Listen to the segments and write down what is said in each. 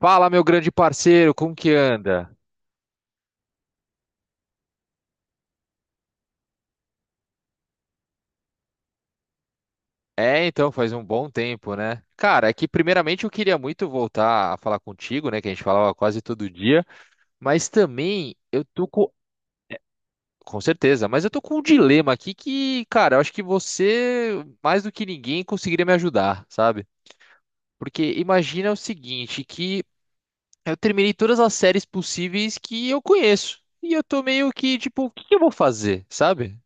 Fala, meu grande parceiro, como que anda? É, então, faz um bom tempo, né? Cara, é que primeiramente eu queria muito voltar a falar contigo, né? Que a gente falava quase todo dia, mas também eu tô com. Com certeza, mas eu tô com um dilema aqui que, cara, eu acho que você, mais do que ninguém, conseguiria me ajudar, sabe? Porque imagina o seguinte, que eu terminei todas as séries possíveis que eu conheço. E eu tô meio que, tipo, o que que eu vou fazer, sabe?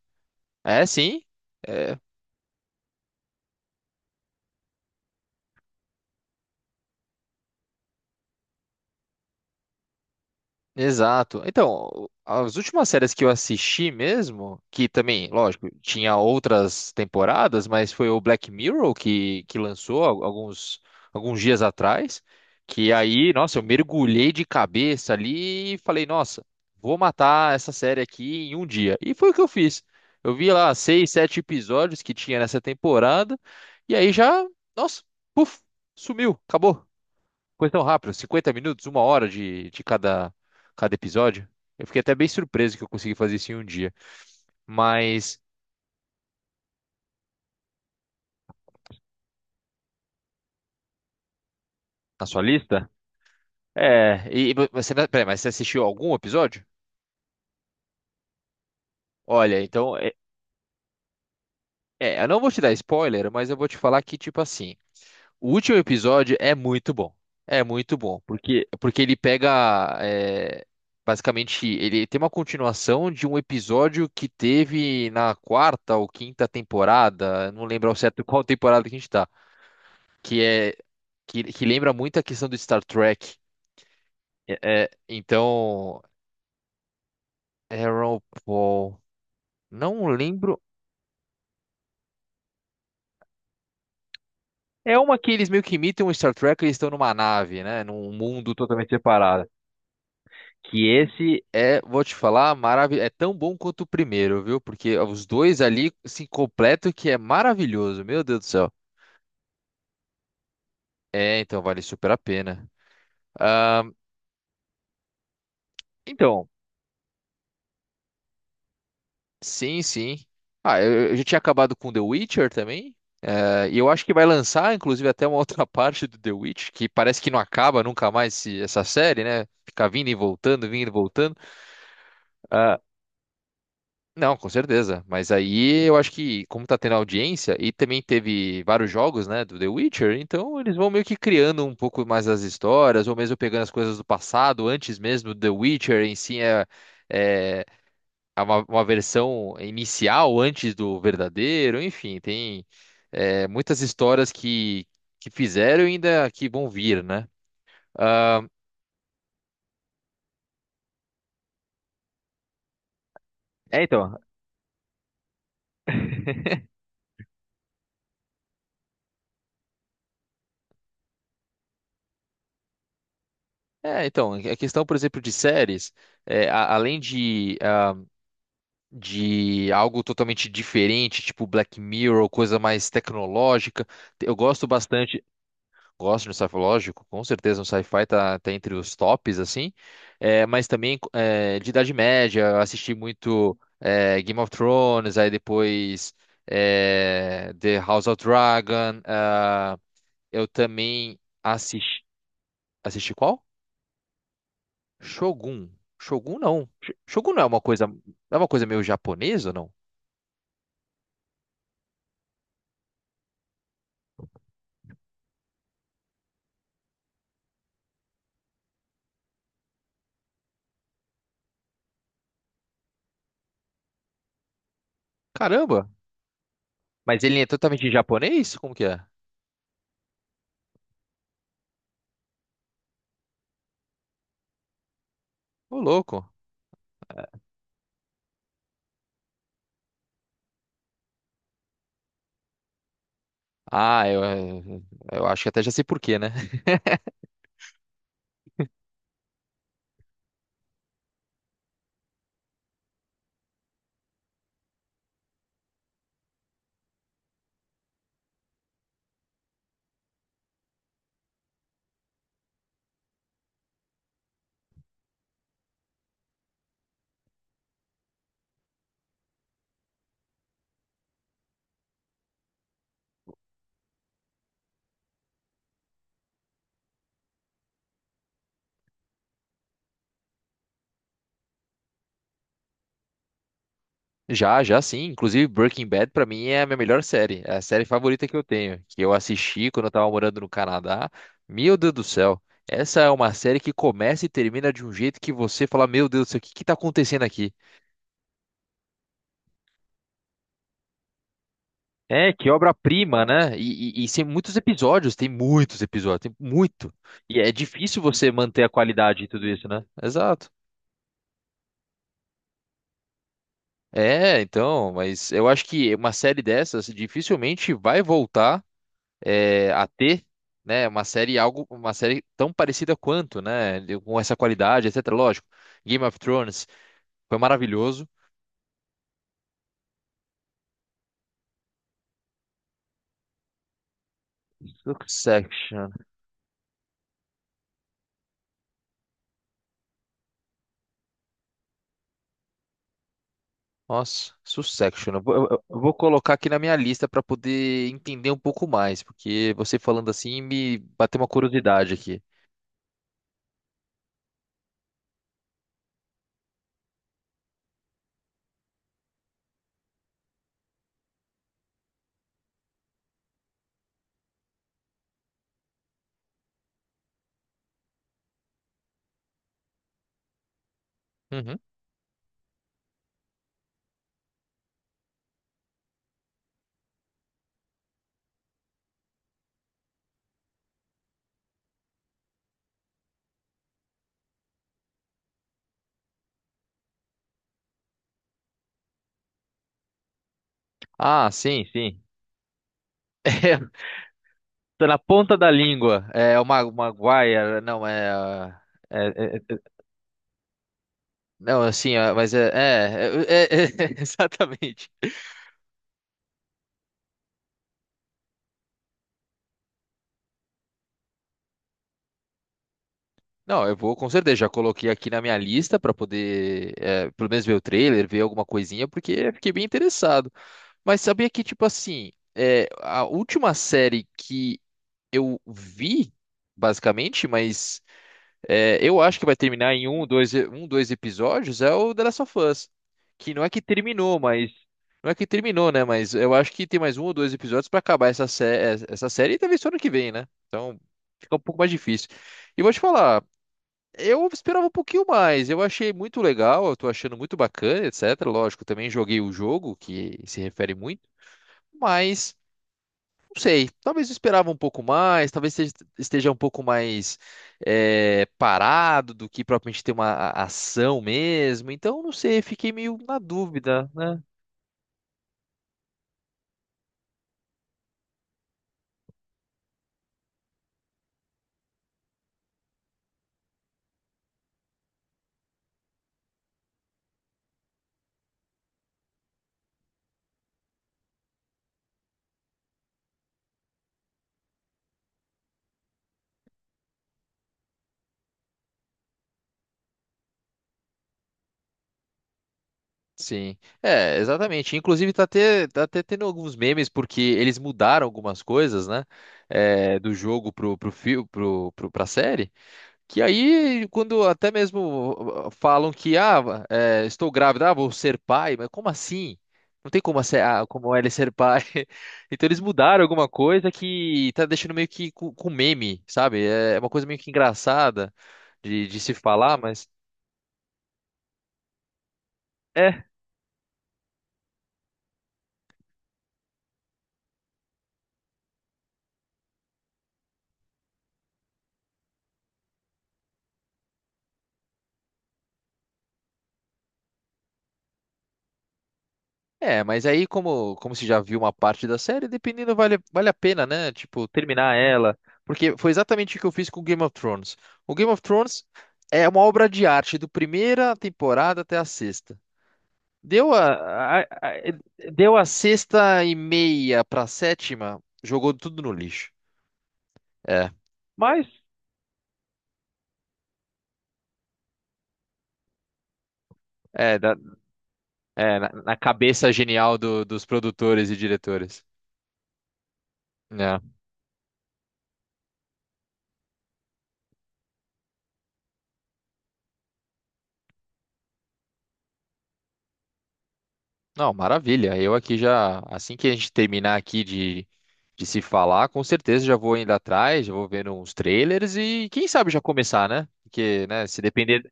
É, sim. é, Exato. Então, as últimas séries que eu assisti mesmo, que também, lógico, tinha outras temporadas, mas foi o Black Mirror que lançou alguns, alguns dias atrás, que aí, nossa, eu mergulhei de cabeça ali e falei, nossa, vou matar essa série aqui em um dia. E foi o que eu fiz. Eu vi lá seis, sete episódios que tinha nessa temporada, e aí já, nossa, puf, sumiu, acabou. Coisa tão rápida, 50 minutos, uma hora de cada, cada episódio. Eu fiquei até bem surpreso que eu consegui fazer isso em um dia. Mas, na sua lista? É, e você, peraí, mas você assistiu algum episódio? Olha, então, eu não vou te dar spoiler, mas eu vou te falar que, tipo assim, o último episódio é muito bom. É muito bom, porque, porque ele pega, é, basicamente, ele tem uma continuação de um episódio que teve na quarta ou quinta temporada, eu não lembro ao certo qual temporada que a gente tá. que é que lembra muito a questão do Star Trek. É, é, então, Aaron Paul, não lembro. É uma que eles meio que imitam o Star Trek, eles estão numa nave, né, num mundo totalmente separado. Que esse é, vou te falar, maravilhoso, é tão bom quanto o primeiro, viu? Porque os dois ali se completam que é maravilhoso, meu Deus do céu. É, então vale super a pena. Ah, então, sim, sim. Ah, eu já tinha acabado com The Witcher também. É, e eu acho que vai lançar, inclusive, até uma outra parte do The Witch, que parece que não acaba nunca mais essa série, né? Fica vindo e voltando, vindo e voltando. Ah, não, com certeza. Mas aí eu acho que, como tá tendo audiência, e também teve vários jogos, né, do The Witcher, então eles vão meio que criando um pouco mais as histórias, ou mesmo pegando as coisas do passado, antes mesmo do The Witcher em si é. É, é uma versão inicial antes do verdadeiro, enfim, tem é, muitas histórias que fizeram e ainda que vão vir, né? Ah, é, então, é, então, a questão, por exemplo, de séries, é, além de, ah, de algo totalmente diferente, tipo Black Mirror, coisa mais tecnológica, eu gosto bastante. Gosto de um sci-fi, lógico, com certeza um sci-fi tá, tá entre os tops, assim, é, mas também é, de Idade Média, eu assisti muito é, Game of Thrones, aí depois é, The House of Dragon, ah, eu também assisti, assisti qual? Shogun, Shogun não, Shogun não é uma coisa, é uma coisa meio japonesa, ou não? Caramba, mas ele é totalmente japonês? Como que é? Ô, louco. Ah, eu acho que até já sei por quê, né? Já, já sim. Inclusive, Breaking Bad pra mim é a minha melhor série. É a série favorita que eu tenho, que eu assisti quando eu tava morando no Canadá. Meu Deus do céu. Essa é uma série que começa e termina de um jeito que você fala, meu Deus do céu, o que que tá acontecendo aqui? É, que obra-prima, né? E tem muitos episódios, tem muitos episódios, tem muito. E é difícil você manter a qualidade e tudo isso, né? Exato. É, então, mas eu acho que uma série dessas dificilmente vai voltar é, a ter, né, uma série algo, uma série tão parecida quanto, né, com essa qualidade, etc. Lógico, Game of Thrones foi maravilhoso. Succession, nossa, Succession. Eu vou colocar aqui na minha lista para poder entender um pouco mais, porque você falando assim me bateu uma curiosidade aqui. Uhum. Ah, sim, sim. É, tá na ponta da língua. É uma guaia, não é, ah, é, é- é- não, assim, ah, exatamente. Não, eu vou com certeza. Já coloquei aqui na minha lista para poder, eh, pelo menos ver o trailer, ver alguma coisinha, porque fiquei bem interessado. Mas sabia que, tipo assim, eh, a última série que eu vi, basicamente, mas eh, eu acho que vai terminar em um, dois, um, dois episódios, é o The Last of Us. Que não é que terminou, mas. Não é que terminou, né? Mas eu acho que tem mais um ou dois episódios para acabar essa série e talvez só ano que vem, né? Então fica um pouco mais difícil. E vou te falar. Eu esperava um pouquinho mais. Eu achei muito legal, eu tô achando muito bacana, etc. Lógico, também joguei o jogo, que se refere muito, mas não sei. Talvez eu esperava um pouco mais, talvez esteja esteja um pouco mais eh, parado do que propriamente ter uma ação mesmo. Então, não sei, fiquei meio na dúvida, né? Sim. É, exatamente. Inclusive, tá até tendo alguns memes, porque eles mudaram algumas coisas, né? eh, do jogo pro, pro, fio- pro, pro, pra série. Que aí, quando até mesmo falam que, ah, é, estou grávida, ah, vou ser pai, mas como assim? Não tem como, ser, ah, como é ele ser pai. Então eles mudaram alguma coisa que tá deixando meio que com meme, sabe? É uma coisa meio que engraçada de se falar, mas. É. É, mas aí, como, como se já viu uma parte da série, dependendo, vale, vale a pena, né? Tipo, terminar ela. Porque foi exatamente o que eu fiz com Game of Thrones. O Game of Thrones é uma obra de arte, do primeira temporada até a sexta. Deu a sexta e meia pra sétima, jogou tudo no lixo. É. Mas, é, da- é, na cabeça genial dos produtores e diretores. É. Não, maravilha. Eu aqui já, assim que a gente terminar aqui de se falar, com certeza já vou indo atrás, já vou vendo uns trailers e quem sabe já começar, né? Porque, né, se depender.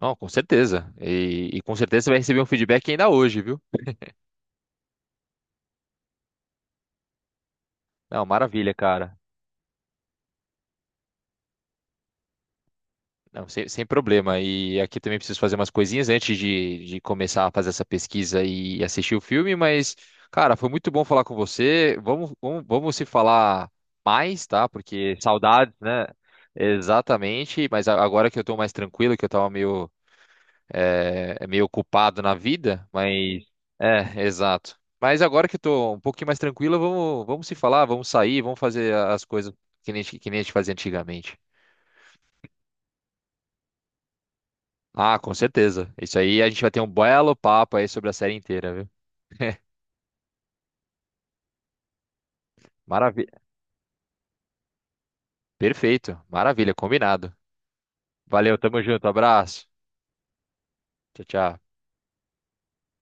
Não, com certeza. E com certeza você vai receber um feedback ainda hoje, viu? Não, maravilha, cara. Não, sem, sem problema. E aqui também preciso fazer umas coisinhas antes de começar a fazer essa pesquisa e assistir o filme, mas, cara, foi muito bom falar com você. Vamos se falar mais, tá? Porque saudades, né? Exatamente. Mas agora que eu tô mais tranquilo, que eu tava meio, é, meio ocupado na vida, mas. É, exato. Mas agora que eu tô um pouquinho mais tranquilo, vamos se falar, vamos sair, vamos fazer as coisas que nem a gente fazia antigamente. Ah, com certeza. Isso aí a gente vai ter um belo papo aí sobre a série inteira, viu? Maravilha. Perfeito. Maravilha, combinado. Valeu, tamo junto. Abraço. Tchau, tchau.